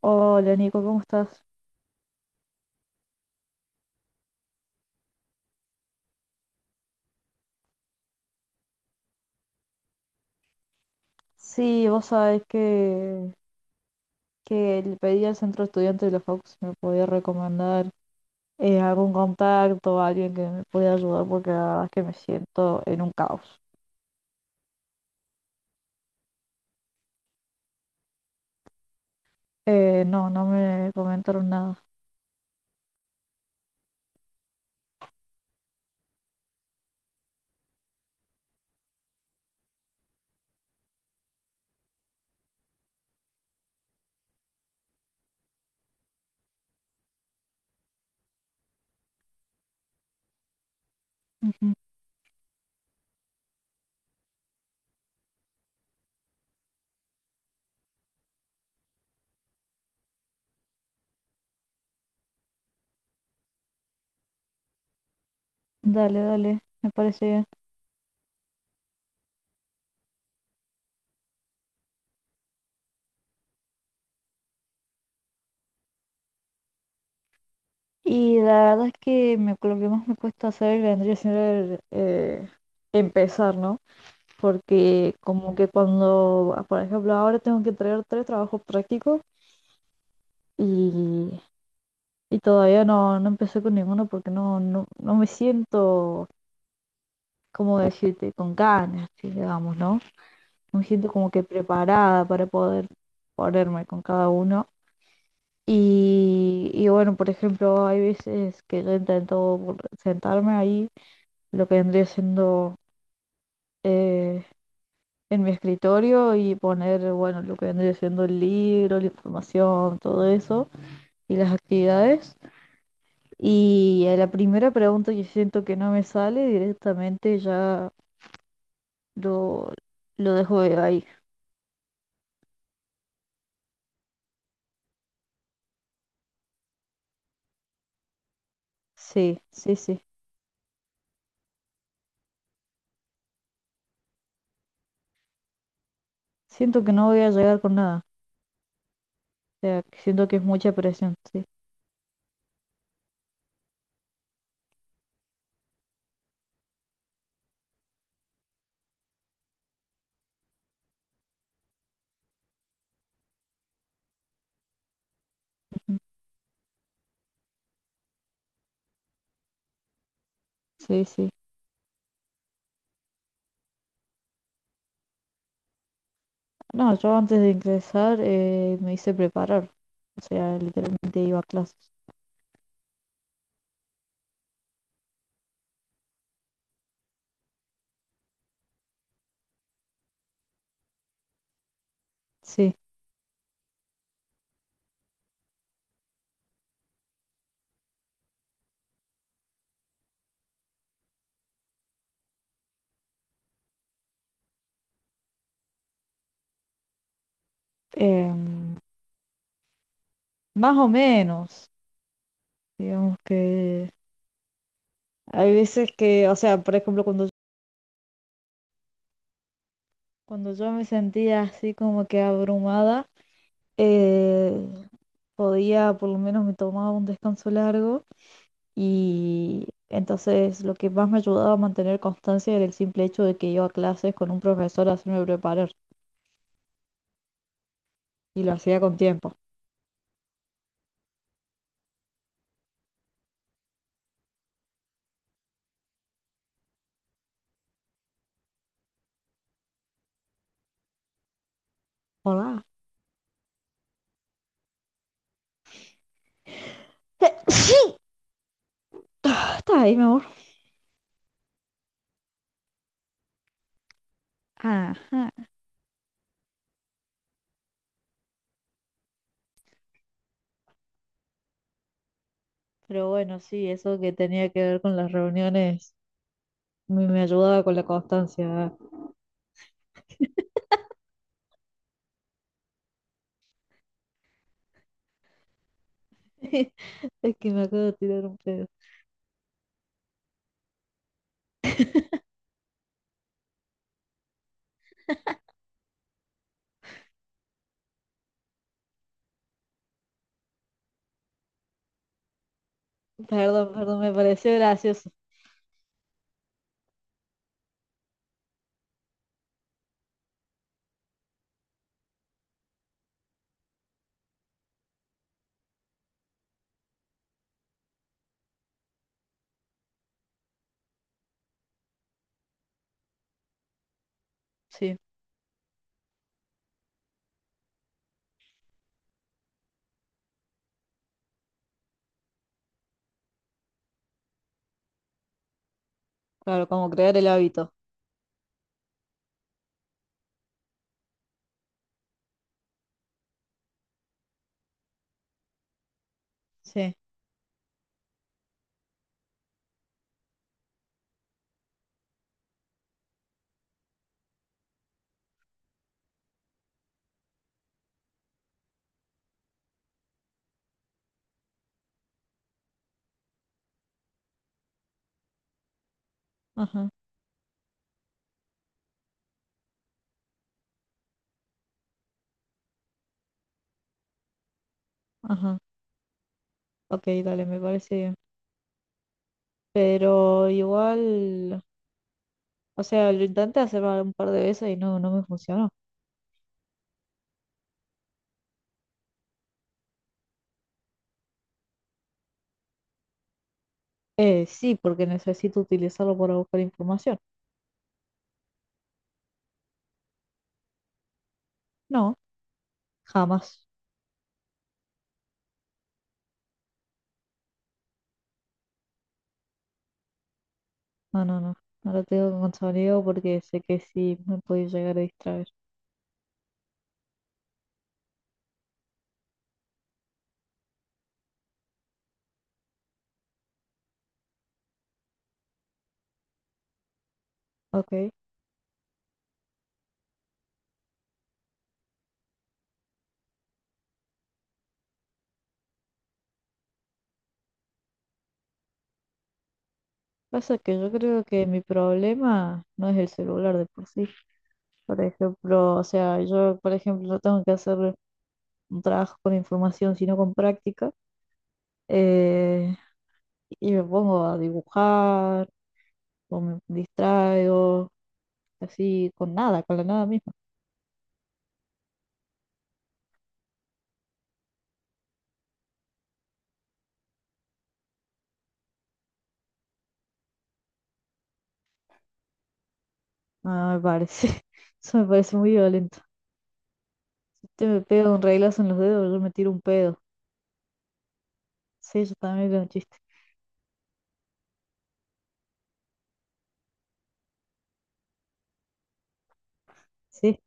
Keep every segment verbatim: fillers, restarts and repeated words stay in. Hola Nico, ¿cómo estás? Sí, vos sabés que, que le pedí al centro estudiante de la facu si me podía recomendar, eh, algún contacto, alguien que me pudiera ayudar porque la verdad es que me siento en un caos. Eh, no, no me comentaron nada. Ujú. Dale, dale, me parece bien. Y la verdad es que me- lo que más me cuesta hacer vendría siendo el, eh, empezar, ¿no? Porque como que cuando, ah, por ejemplo, ahora tengo que traer tres trabajos prácticos. Y y todavía no, no empecé con ninguno porque no, no, no me siento, como decirte, con ganas, sí, digamos, ¿no? No me siento como que preparada para poder ponerme con cada uno. Y, y bueno, por ejemplo, hay veces que yo intento vol- sentarme ahí, lo que vendría siendo eh, en mi escritorio y poner, bueno, lo que vendría siendo el libro, la información, todo eso y las actividades. Y a la primera pregunta que siento que no me sale, directamente ya lo, lo dejo de ahí. Sí, sí, sí. Siento que no voy a llegar con nada. O sea, que siento que es mucha presión. Sí, ujú. Sí. Sí. No, yo antes de ingresar, eh, me hice preparar. O sea, literalmente iba a clases. Sí. Em, más o menos. Digamos que hay veces que, o sea, por ejemplo, cuando, cuando yo me sentía así como que abrumada. eh, podía, por lo menos me tomaba un descanso largo y entonces lo que más me ayudaba a mantener constancia era el simple hecho de que iba a clases con un profesor a hacerme preparar y lo hacía con tiempo. Hola. Sí. Ah, está ahí, mi amor. Ajá. Pero bueno, sí, eso que tenía que ver con las reuniones me, me ayudaba con la constancia. Es que me acabo de tirar un pedo. Perdón, perdón, me pareció gracioso. Sí, claro, como crear el hábito. Sí. Ajá. Ajá, ok, dale, me parece bien. Pero igual, o sea, lo intenté hacer un par de veces y no, no me funcionó. Eh, sí, porque necesito utilizarlo para buscar información. No, jamás. No, no, no. No lo tengo con sonido porque sé que sí me puede llegar a distraer. Ok. Pasa que yo creo que mi problema no es el celular de por sí. Por ejemplo, o sea, yo, por ejemplo, no tengo que hacer un trabajo con información, sino con práctica. Eh, y me pongo a dibujar o me distraigo, así con nada, con la nada misma. Ah, me parece, eso me parece muy violento. Si usted me pega un reglazo en los dedos, yo me tiro un pedo. Sí, yo también era un chiste. Sí,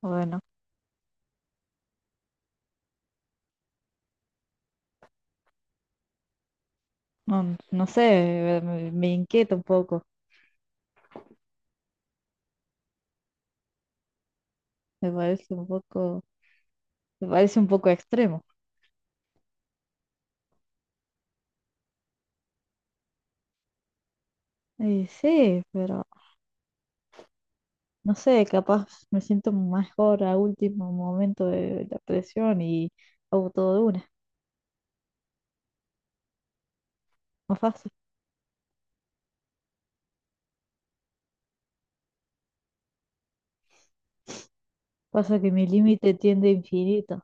bueno, no, no sé, me, me inquieta un poco, me parece un poco, me parece un poco extremo. Y sí, pero no sé, capaz me siento mejor a último momento de la presión y hago todo de una, más fácil. Pasa que mi límite tiende a infinito.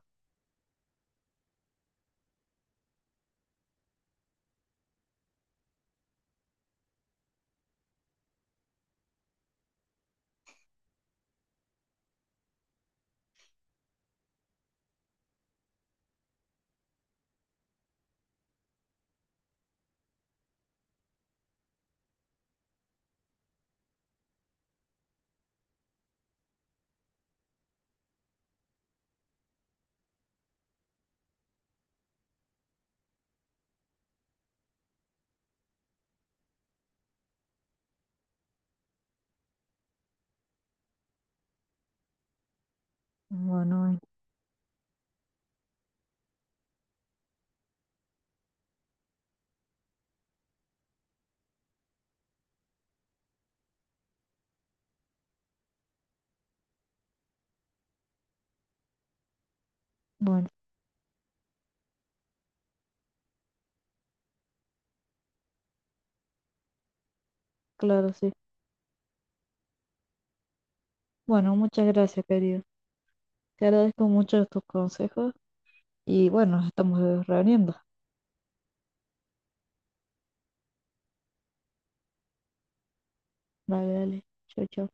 Bueno, bueno, claro, sí. Bueno, muchas gracias, querido. Te agradezco mucho tus consejos y bueno, nos estamos reuniendo. Vale, dale. Chau, chau.